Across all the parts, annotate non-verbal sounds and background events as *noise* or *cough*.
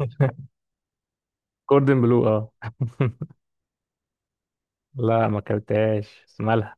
*laughs* كوردن بلو، اه. لا، ما اكلتهاش بس مالها.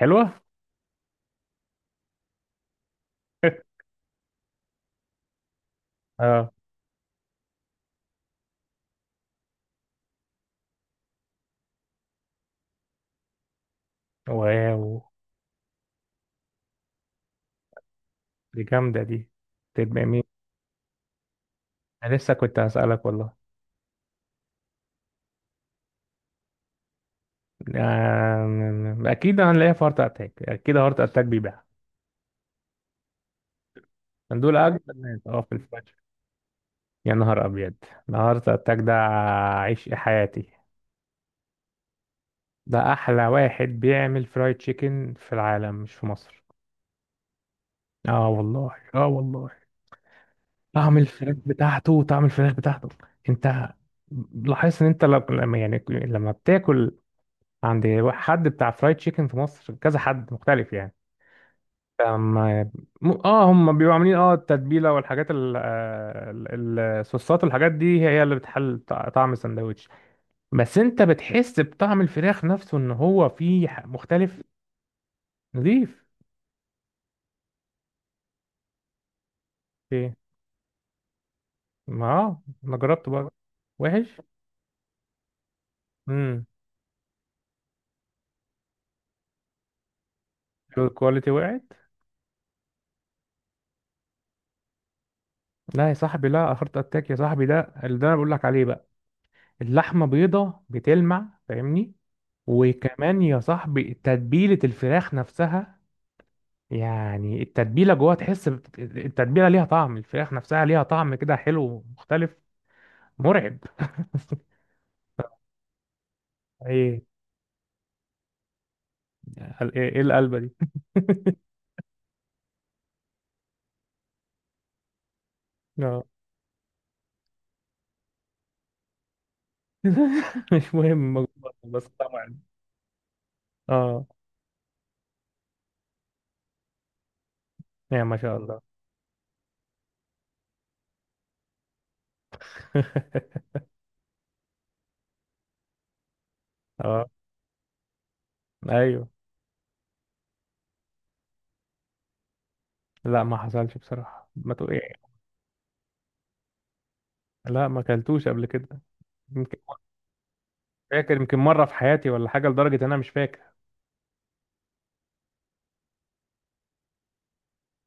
حلوه. *laughs* اه. واو، دي جامده دي. تبقى مين؟ انا لسه كنت هسألك والله. اكيد هنلاقيها في هارت اتاك، اكيد هارت اتاك بيبيعها. دول اجمل ناس، اه، في الفاشن. يا نهار ابيض، ده هارت اتاك ده. عيش حياتي. ده احلى واحد بيعمل فرايد تشيكن في العالم، مش في مصر. اه والله، اه والله. طعم الفراخ بتاعته، طعم الفراخ بتاعته. انت لاحظت ان انت لما يعني لما بتاكل عند حد بتاع فرايد تشيكن في مصر، كذا حد مختلف يعني. أما اه، هم بيبقوا عاملين اه التتبيله والحاجات الصوصات والحاجات دي، هي اللي بتحل طعم السندوتش. بس انت بتحس بطعم الفراخ نفسه ان هو فيه مختلف. نضيف. ايه؟ ما اه انا جربته بقى. وحش. امم. الكواليتي وقعت. لا يا صاحبي، لا، هارت اتاك يا صاحبي، ده اللي ده انا بقول لك عليه بقى. اللحمه بيضه بتلمع، فاهمني. وكمان يا صاحبي، تتبيله الفراخ نفسها. يعني التتبيله جوه، تحس التتبيله ليها طعم الفراخ نفسها، ليها طعم كده حلو مختلف. مرعب. ايه؟ ايه إيه القلبه دي؟ *laughs* اه. *laughs* مش مهم، مجبور، بس طبعا. اه، يا ما شاء الله. *laughs* اه. ايوه. لا، ما حصلش بصراحه، ما تقول. لا، ما اكلتوش قبل كده. يمكن. فاكر يمكن مرة في حياتي ولا حاجة، لدرجة إن أنا مش فاكر.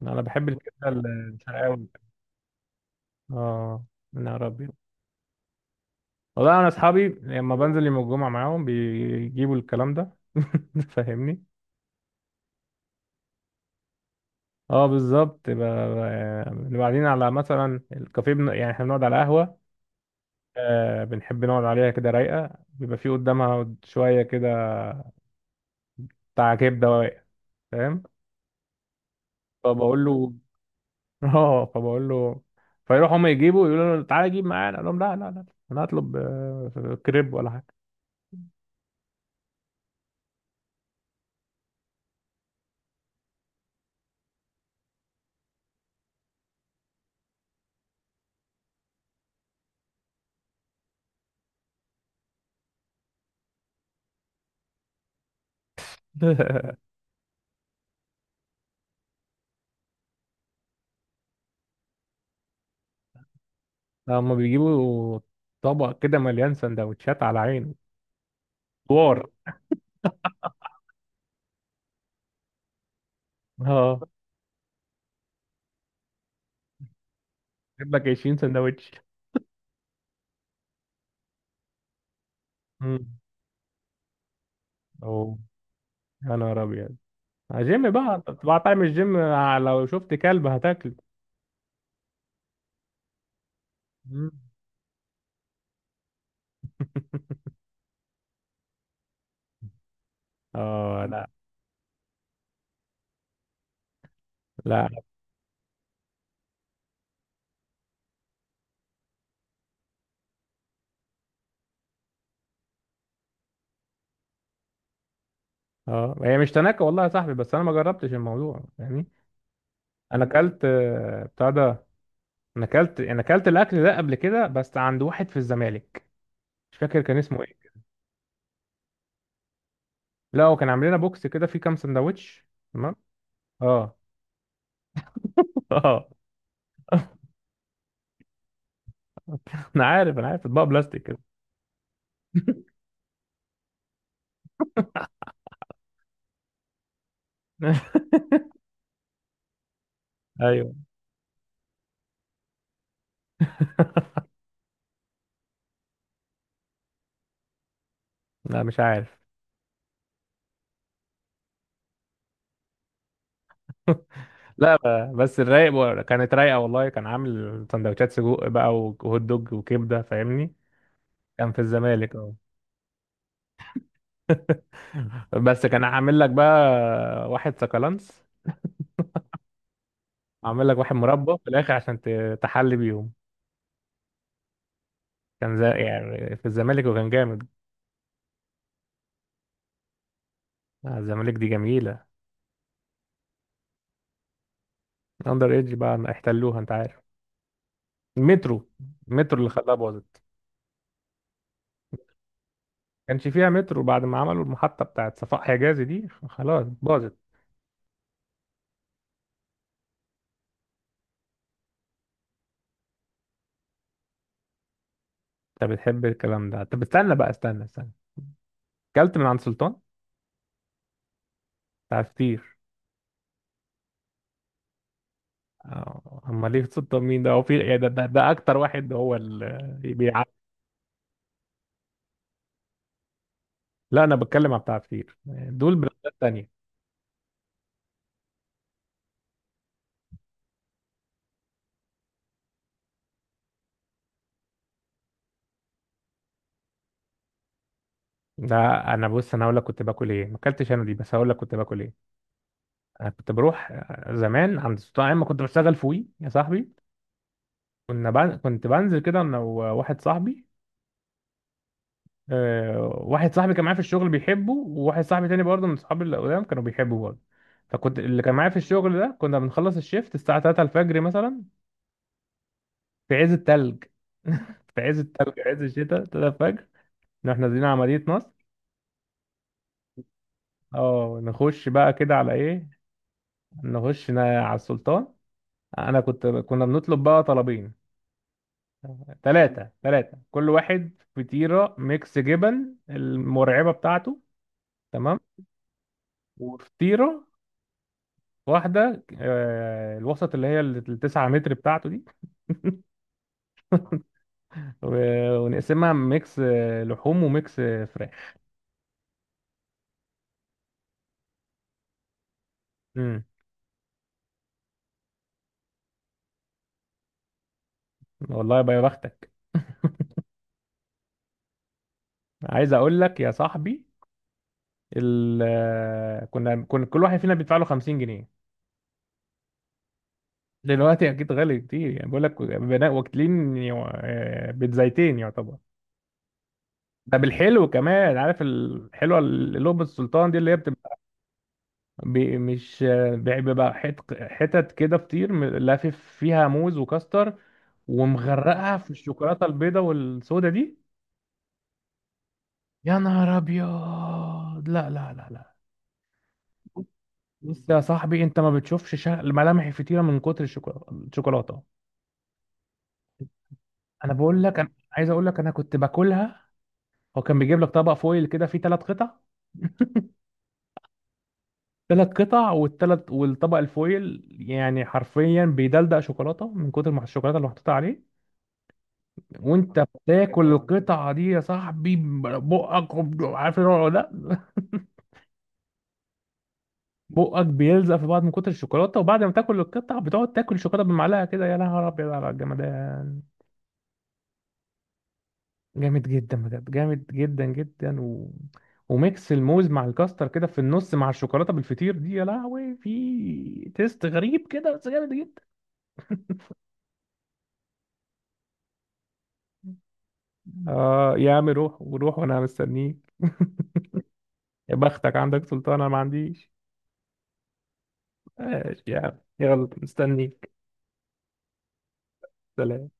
أنا بحب الكبدة الشرقاوي. آه. يا ربي. والله أنا أصحابي لما بنزل يوم الجمعة معاهم بيجيبوا الكلام ده. *laughs* فاهمني. اه بالظبط، بنبقى قاعدين على مثلا الكافيه يعني احنا بنقعد على قهوة. آه، بنحب نقعد عليها كده رايقة، بيبقى في قدامها شوية كده. بتاع كبدة واقع. فاهم. فبقول له. *laughs* اه، فبقول له. فيروح هم يجيبوا، يقولوا له تعالى جيب معانا، اقول لهم لا لا لا. انا هطلب كريب ولا حاجه. *laughs* لا، هم بيجيبوا طبق كده مليان سندوتشات على عينه. دوار. اه. جيب لك 20 سندوتش. امم. اوه. يا نهار ابيض. جيم بقى طبعا، طعم الجيم، لو شفت كلب هتاكله. مم. اه. لا. لا. اه هي مش تناكة والله يا صاحبي، بس انا ما جربتش الموضوع يعني. انا اكلت بتاع ده. انا اكلت الاكل ده قبل كده بس عند واحد في الزمالك. مش فاكر كان اسمه ايه. لا، هو كان عامل لنا بوكس كده فيه كام سندوتش. تمام. اه. *laughs* اه. انا عارف، انا عارف، اطباق بلاستيك كده. *laughs* ايوه. لا، مش عارف. لا، بس كانت رايقه والله، كان عامل سندوتشات سجق بقى وهوت دوج وكبده، فاهمني. كان في الزمالك، اه. *laughs* بس كان عامل لك بقى واحد سكالانس. عامل لك واحد مربى في الاخر عشان تحلي بيهم. كان زي يعني في الزمالك وكان جامد. الزمالك دي جميلة. اندر ايدج بقى ما احتلوها، انت عارف. المترو. المترو اللي خلاها باظت. كانش فيها مترو بعد ما عملوا المحطة بتاعت صفاء حجازي دي، خلاص باظت. انت بتحب الكلام ده؟ طب استنى بقى، استنى استنى. اكلت من عند سلطان. بتاع فطير. اما ليه سلطان مين ده؟ هو في إيه ده, اكتر واحد هو اللي بيع. لا، انا بتكلم على بتاع فطير. دول براندات تانية. ده انا بص، انا هقول لك كنت باكل ايه. ما اكلتش انا دي، بس هقول لك كنت باكل ايه. انا كنت بروح زمان عند سلطان ايام ما كنت بشتغل في وي يا صاحبي. كنت بنزل كده انا وواحد صاحبي. واحد صاحبي كان معايا في الشغل بيحبه، وواحد صاحبي تاني برضه من صحابي اللي قدام كانوا بيحبوا برضه. فكنت اللي كان معايا في الشغل ده، كنا بنخلص الشيفت الساعة 3 الفجر مثلا. في عز التلج. *laughs* في عز التلج، عز الشتاء، 3 الفجر. نروح نازلين عملية نصر. اه. نخش بقى كده على ايه؟ على السلطان. انا كنا بنطلب بقى طلبين. ثلاثة ثلاثة، كل واحد فطيرة ميكس جبن المرعبة بتاعته. تمام. وفطيره واحده، الوسط اللي هي التسعة متر بتاعته دي. ونقسمها ميكس لحوم وميكس فراخ. امم والله يبقى يا بختك. عايز اقول لك يا صاحبي، ال آه، كنا كل واحد فينا بيدفع له 50 جنيه. دلوقتي اكيد غالي كتير يعني. بقول لك بناء واكلين بيتزايتين يعتبر. ده بالحلو كمان. عارف الحلوه اللي لب السلطان دي اللي هي بتبقى مش بيبقى حتت كده فطير لافف فيها موز وكاستر، ومغرقها في الشوكولاته البيضه والسودا دي. يا نهار ابيض. لا لا لا لا. بص يا صاحبي، انت ما بتشوفش ملامح الفطيره من كتر الشوكولاته. الشوكولاته، انا بقول لك، انا عايز اقول لك، انا كنت باكلها. هو كان بيجيب لك طبق فويل كده فيه 3 قطع. *laughs* 3 قطع، والثلاث والطبق الفويل يعني حرفيا بيدلدق شوكولاته من كتر ما الشوكولاته اللي محطوطه عليه. وانت بتاكل القطعه دي يا صاحبي، بقك عارف الوضع ده. *laughs* بقك بيلزق في بعض من كتر الشوكولاته. وبعد ما تاكل القطعه بتقعد تاكل الشوكولاته بالمعلقه كده. يا نهار ابيض على الجمدان. جامد جدا بجد، جامد جدا جدا، و... وميكس الموز مع الكاستر كده في النص مع الشوكولاته بالفطير دي، يا لهوي، في تيست غريب كده بس جامد جدا. اه يا عم، روح، وروح وانا مستنيك. *laughs* يا بختك عندك سلطان، انا ما عنديش. ماشي يا عم، يلا مستنيك. سلام.